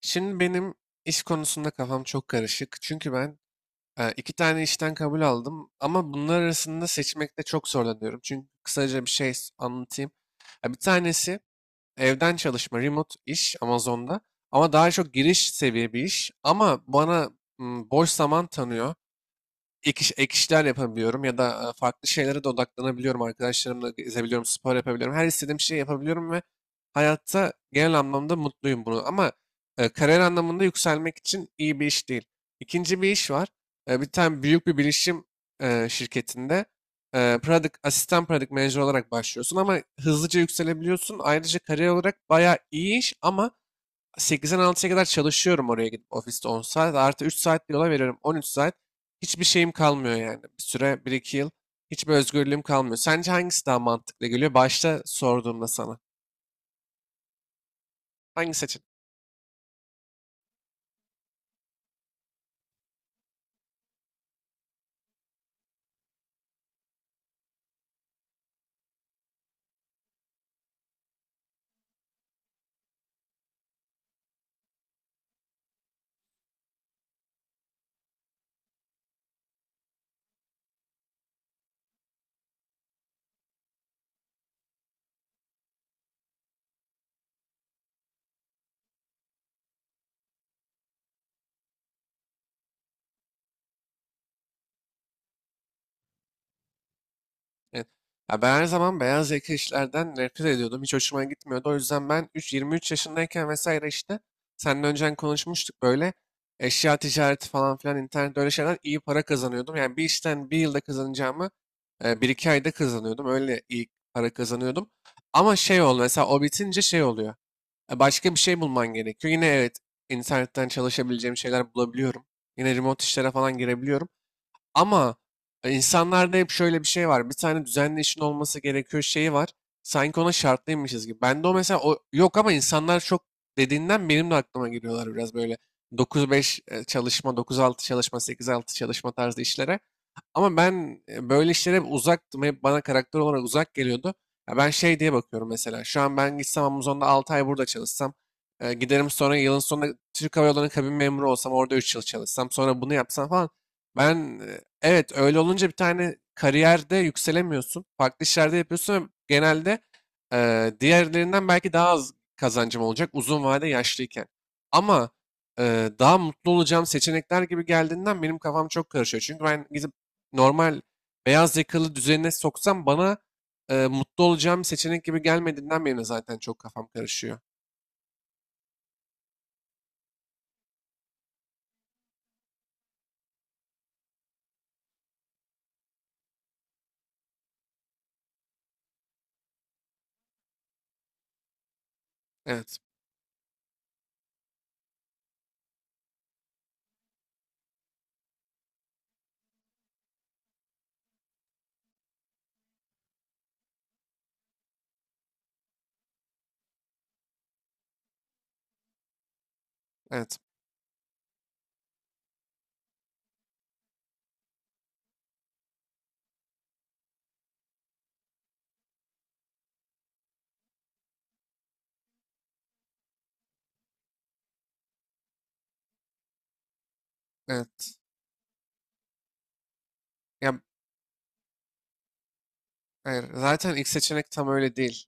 Şimdi benim iş konusunda kafam çok karışık. Çünkü ben iki tane işten kabul aldım ama bunlar arasında seçmekte çok zorlanıyorum. Çünkü kısaca bir şey anlatayım. Ya bir tanesi evden çalışma, remote iş Amazon'da, ama daha çok giriş seviye bir iş, ama bana boş zaman tanıyor. Ek işler yapabiliyorum ya da farklı şeylere de odaklanabiliyorum. Arkadaşlarımla gezebiliyorum, spor yapabiliyorum. Her istediğim şeyi yapabiliyorum ve hayatta genel anlamda mutluyum bunu. Ama kariyer anlamında yükselmek için iyi bir iş değil. İkinci bir iş var. Bir tane büyük bir bilişim şirketinde, asistan product manager olarak başlıyorsun ama hızlıca yükselebiliyorsun. Ayrıca kariyer olarak bayağı iyi iş ama 8'den 6'ya kadar çalışıyorum, oraya gidip ofiste 10 saat. Artı 3 saat bir yola veriyorum. 13 saat. Hiçbir şeyim kalmıyor yani. Bir süre, bir iki yıl, hiçbir özgürlüğüm kalmıyor. Sence hangisi daha mantıklı geliyor? Başta sorduğumda sana. Hangi seçenek? Evet. Ya ben her zaman beyaz yaka işlerden nefret ediyordum. Hiç hoşuma gitmiyordu. O yüzden ben 3, 23 yaşındayken vesaire işte, seninle önceden konuşmuştuk, böyle eşya ticareti falan filan internette, öyle şeyler iyi para kazanıyordum. Yani bir işten bir yılda kazanacağımı, bir iki ayda kazanıyordum. Öyle iyi para kazanıyordum. Ama şey oldu mesela, o bitince şey oluyor. Başka bir şey bulman gerekiyor. Yine evet, internetten çalışabileceğim şeyler bulabiliyorum. Yine remote işlere falan girebiliyorum. Ama insanlarda hep şöyle bir şey var. Bir tane düzenli işin olması gerekiyor şeyi var. Sanki ona şartlıymışız gibi. Ben de o mesela, o yok ama insanlar çok dediğinden benim de aklıma giriyorlar biraz, böyle 9-5 çalışma, 9-6 çalışma, 8-6 çalışma tarzı işlere. Ama ben böyle işlere hep uzaktım. Hep bana karakter olarak uzak geliyordu. Ya ben şey diye bakıyorum mesela. Şu an ben gitsem Amazon'da 6 ay burada çalışsam. Giderim sonra, yılın sonunda Türk Hava Yolları'nın kabin memuru olsam. Orada 3 yıl çalışsam. Sonra bunu yapsam falan. Ben evet öyle olunca bir tane kariyerde yükselemiyorsun. Farklı işlerde yapıyorsun ve genelde, diğerlerinden belki daha az kazancım olacak uzun vade, yaşlıyken. Ama daha mutlu olacağım seçenekler gibi geldiğinden benim kafam çok karışıyor. Çünkü ben gidip normal beyaz yakalı düzenine soksam, bana mutlu olacağım bir seçenek gibi gelmediğinden beri zaten çok kafam karışıyor. Evet, evet, evet. Ya, hayır, zaten ilk seçenek tam öyle değil.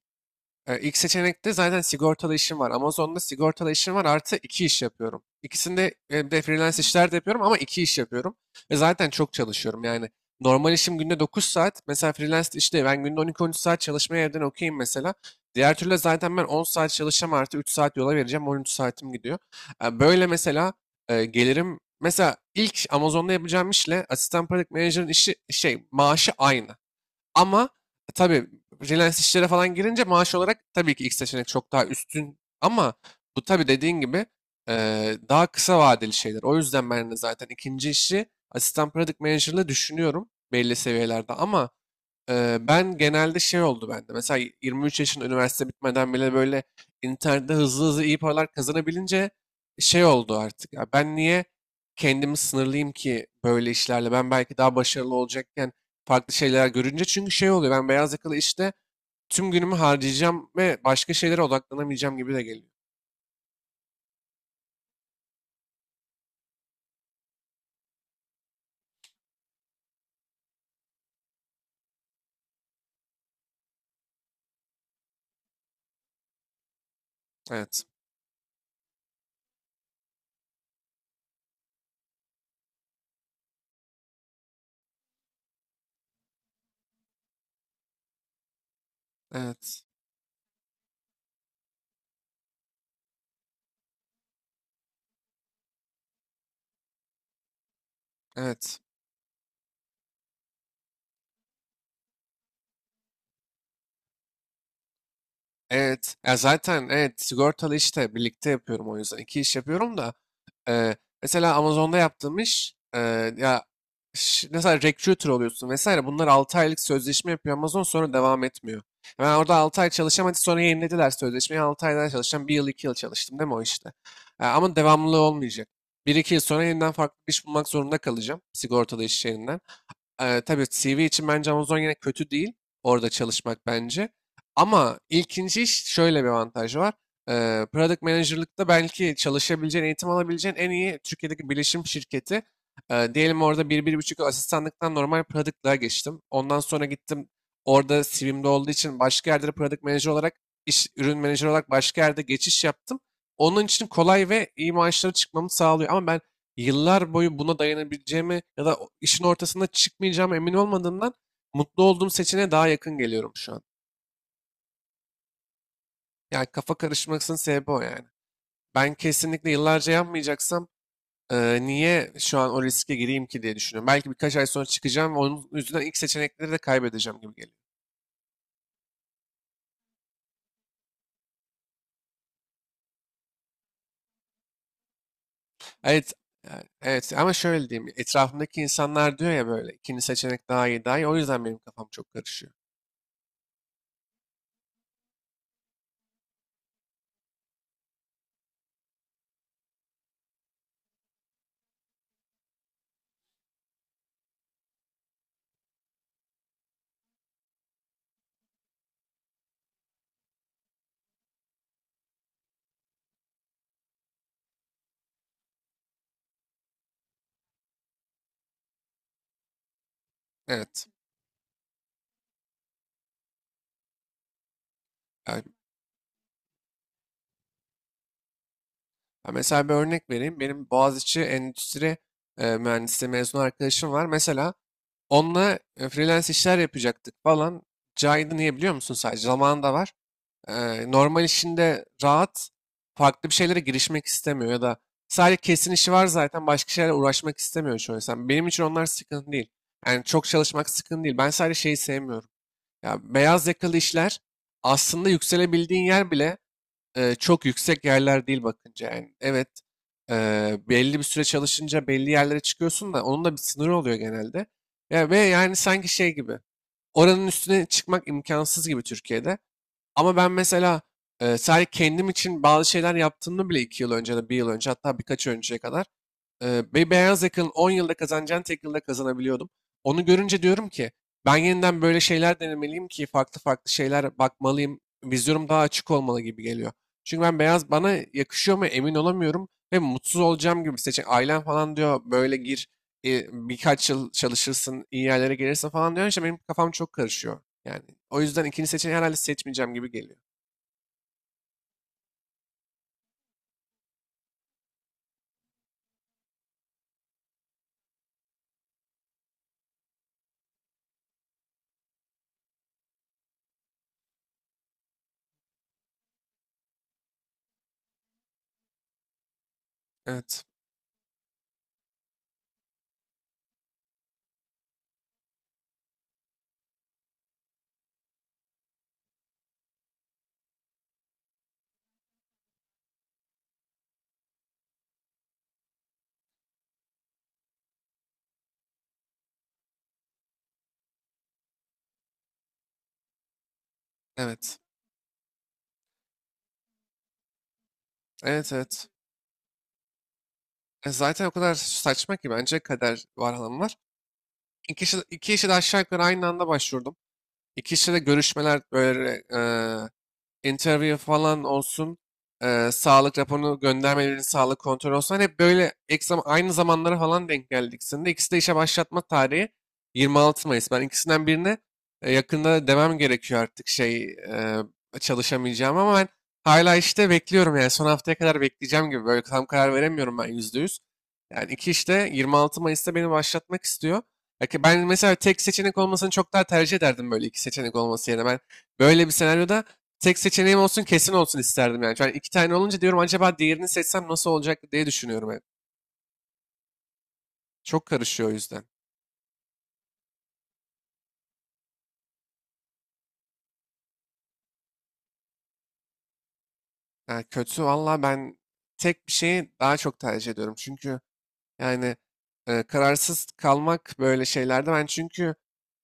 İlk seçenekte zaten sigortalı işim var. Amazon'da sigortalı işim var, artı iki iş yapıyorum. İkisinde bir de freelance işler de yapıyorum ama iki iş yapıyorum. Ve zaten çok çalışıyorum yani. Normal işim günde 9 saat. Mesela freelance işte ben günde 12 üç saat çalışmaya evden okeyim mesela. Diğer türlü zaten ben 10 saat çalışacağım, artı 3 saat yola vereceğim. 13 saatim gidiyor. Böyle mesela gelirim. Mesela ilk Amazon'da yapacağım işle asistan product manager'ın işi, şey, maaşı aynı. Ama tabii freelance işlere falan girince maaş olarak tabii ki ilk seçenek çok daha üstün. Ama bu tabii dediğin gibi, daha kısa vadeli şeyler. O yüzden ben de zaten ikinci işi asistan product manager'la düşünüyorum belli seviyelerde. Ama ben genelde şey oldu bende. Mesela 23 yaşın, üniversite bitmeden bile böyle internette hızlı hızlı iyi paralar kazanabilince şey oldu artık. Ya ben niye kendimi sınırlayayım ki böyle işlerle? Ben belki daha başarılı olacakken farklı şeyler görünce, çünkü şey oluyor, ben beyaz yakalı işte tüm günümü harcayacağım ve başka şeylere odaklanamayacağım gibi de geliyor. Evet. Evet. Evet. Evet. Ya zaten evet, sigortalı işte birlikte yapıyorum o yüzden. İki iş yapıyorum da, Eee, mesela Amazon'da yaptığım iş, ya mesela recruiter oluyorsun vesaire, bunlar 6 aylık sözleşme yapıyor Amazon, sonra devam etmiyor. Ben orada 6 ay çalışamadı, sonra yenilediler sözleşmeyi, 6 ay daha çalışacağım, bir yıl 2 yıl çalıştım değil mi o işte. Ama devamlılığı olmayacak, bir iki yıl sonra yeniden farklı bir iş bulmak zorunda kalacağım sigortalı iş yerinden. Tabii CV için bence Amazon yine kötü değil. Orada çalışmak bence. Ama ilkinci iş şöyle bir avantajı var. Product manager'lıkta belki çalışabileceğin, eğitim alabileceğin en iyi Türkiye'deki bilişim şirketi. Diyelim orada bir, 1,5 yıl asistanlıktan normal product'lığa geçtim. Ondan sonra gittim, orada CV'mde olduğu için başka yerde de product manager olarak, iş, ürün menajer olarak başka yerde geçiş yaptım. Onun için kolay ve iyi maaşları çıkmamı sağlıyor. Ama ben yıllar boyu buna dayanabileceğime ya da işin ortasında çıkmayacağım emin olmadığımdan mutlu olduğum seçeneğe daha yakın geliyorum şu an. Yani kafa karışmasının sebebi o yani. Ben kesinlikle yıllarca yapmayacaksam, niye şu an o riske gireyim ki diye düşünüyorum. Belki birkaç ay sonra çıkacağım ve onun yüzünden ilk seçenekleri de kaybedeceğim gibi geliyor. Evet, yani evet, ama şöyle diyeyim. Etrafımdaki insanlar diyor ya, böyle ikinci seçenek daha iyi, daha iyi. O yüzden benim kafam çok karışıyor. Evet. Yani, ha, mesela bir örnek vereyim. Benim Boğaziçi Endüstri Mühendisliği mezun arkadaşım var. Mesela onunla freelance işler yapacaktık falan. Caydı, niye biliyor musun? Sadece zamanı da var. Normal işinde rahat, farklı bir şeylere girişmek istemiyor ya da sadece kesin işi var, zaten başka şeylerle uğraşmak istemiyor çoğu insan. Benim için onlar sıkıntı değil. Yani çok çalışmak sıkıntı değil. Ben sadece şeyi sevmiyorum. Ya beyaz yakalı işler aslında yükselebildiğin yer bile çok yüksek yerler değil bakınca yani. Evet, e, belli bir süre çalışınca belli yerlere çıkıyorsun da onun da bir sınırı oluyor genelde. Ya, ve yani sanki şey gibi, oranın üstüne çıkmak imkansız gibi Türkiye'de. Ama ben mesela sadece kendim için bazı şeyler yaptığımda bile, 2 yıl önce de, 1 yıl önce, hatta birkaç önceye kadar, bir beyaz yakanın 10 yılda kazanacağını tek yılda kazanabiliyordum. Onu görünce diyorum ki, ben yeniden böyle şeyler denemeliyim ki farklı farklı şeyler bakmalıyım. Vizyonum daha açık olmalı gibi geliyor. Çünkü ben, beyaz bana yakışıyor mu emin olamıyorum ve mutsuz olacağım gibi, seçen ailem falan diyor böyle gir, birkaç yıl çalışırsın iyi yerlere gelirsin falan diyor. İşte benim kafam çok karışıyor. Yani o yüzden ikinci seçeneği herhalde seçmeyeceğim gibi geliyor. Evet. Evet. Evet, evet. Zaten o kadar saçma ki, bence kader var, hanım var. İki işe de aşağı yukarı aynı anda başvurdum. İki işe de görüşmeler böyle, interview falan olsun, sağlık raporunu göndermelerin, sağlık kontrolü olsun. Hani hep böyle, aynı zamanlara falan denk geldik. Senin ikisi de işe başlatma tarihi 26 Mayıs. Ben ikisinden birine yakında demem gerekiyor artık, şey, çalışamayacağım ama ben hala işte bekliyorum yani, son haftaya kadar bekleyeceğim gibi, böyle tam karar veremiyorum ben %100. Yani iki işte 26 Mayıs'ta beni başlatmak istiyor. Ya ki ben mesela tek seçenek olmasını çok daha tercih ederdim, böyle iki seçenek olması yerine. Ben böyle bir senaryoda tek seçeneğim olsun, kesin olsun isterdim yani. Yani iki tane olunca diyorum acaba diğerini seçsem nasıl olacak diye düşünüyorum hep. Çok karışıyor o yüzden. Yani kötü valla, ben tek bir şeyi daha çok tercih ediyorum. Çünkü, yani kararsız kalmak böyle şeylerde ben çünkü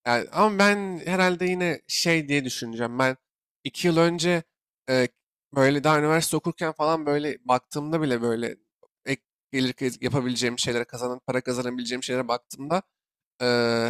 yani, ama ben herhalde yine şey diye düşüneceğim. Ben 2 yıl önce, e, böyle daha üniversite okurken falan, böyle baktığımda bile, böyle ek gelir yapabileceğim şeylere, kazanan para kazanabileceğim şeylere baktığımda, e,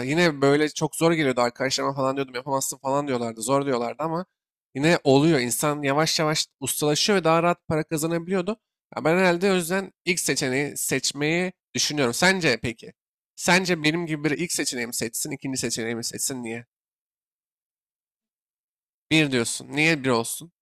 yine böyle çok zor geliyordu, arkadaşlarıma falan diyordum, yapamazsın falan diyorlardı, zor diyorlardı ama yine oluyor. İnsan yavaş yavaş ustalaşıyor ve daha rahat para kazanabiliyordu. Ya ben herhalde o yüzden ilk seçeneği seçmeyi düşünüyorum. Sence peki? Sence benim gibi biri ilk seçeneği seçsin, ikinci seçeneği seçsin? Niye? Bir diyorsun. Niye bir olsun?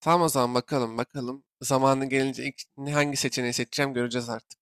Tamam, o zaman bakalım bakalım. Zamanı gelince ilk hangi seçeneği seçeceğim göreceğiz artık.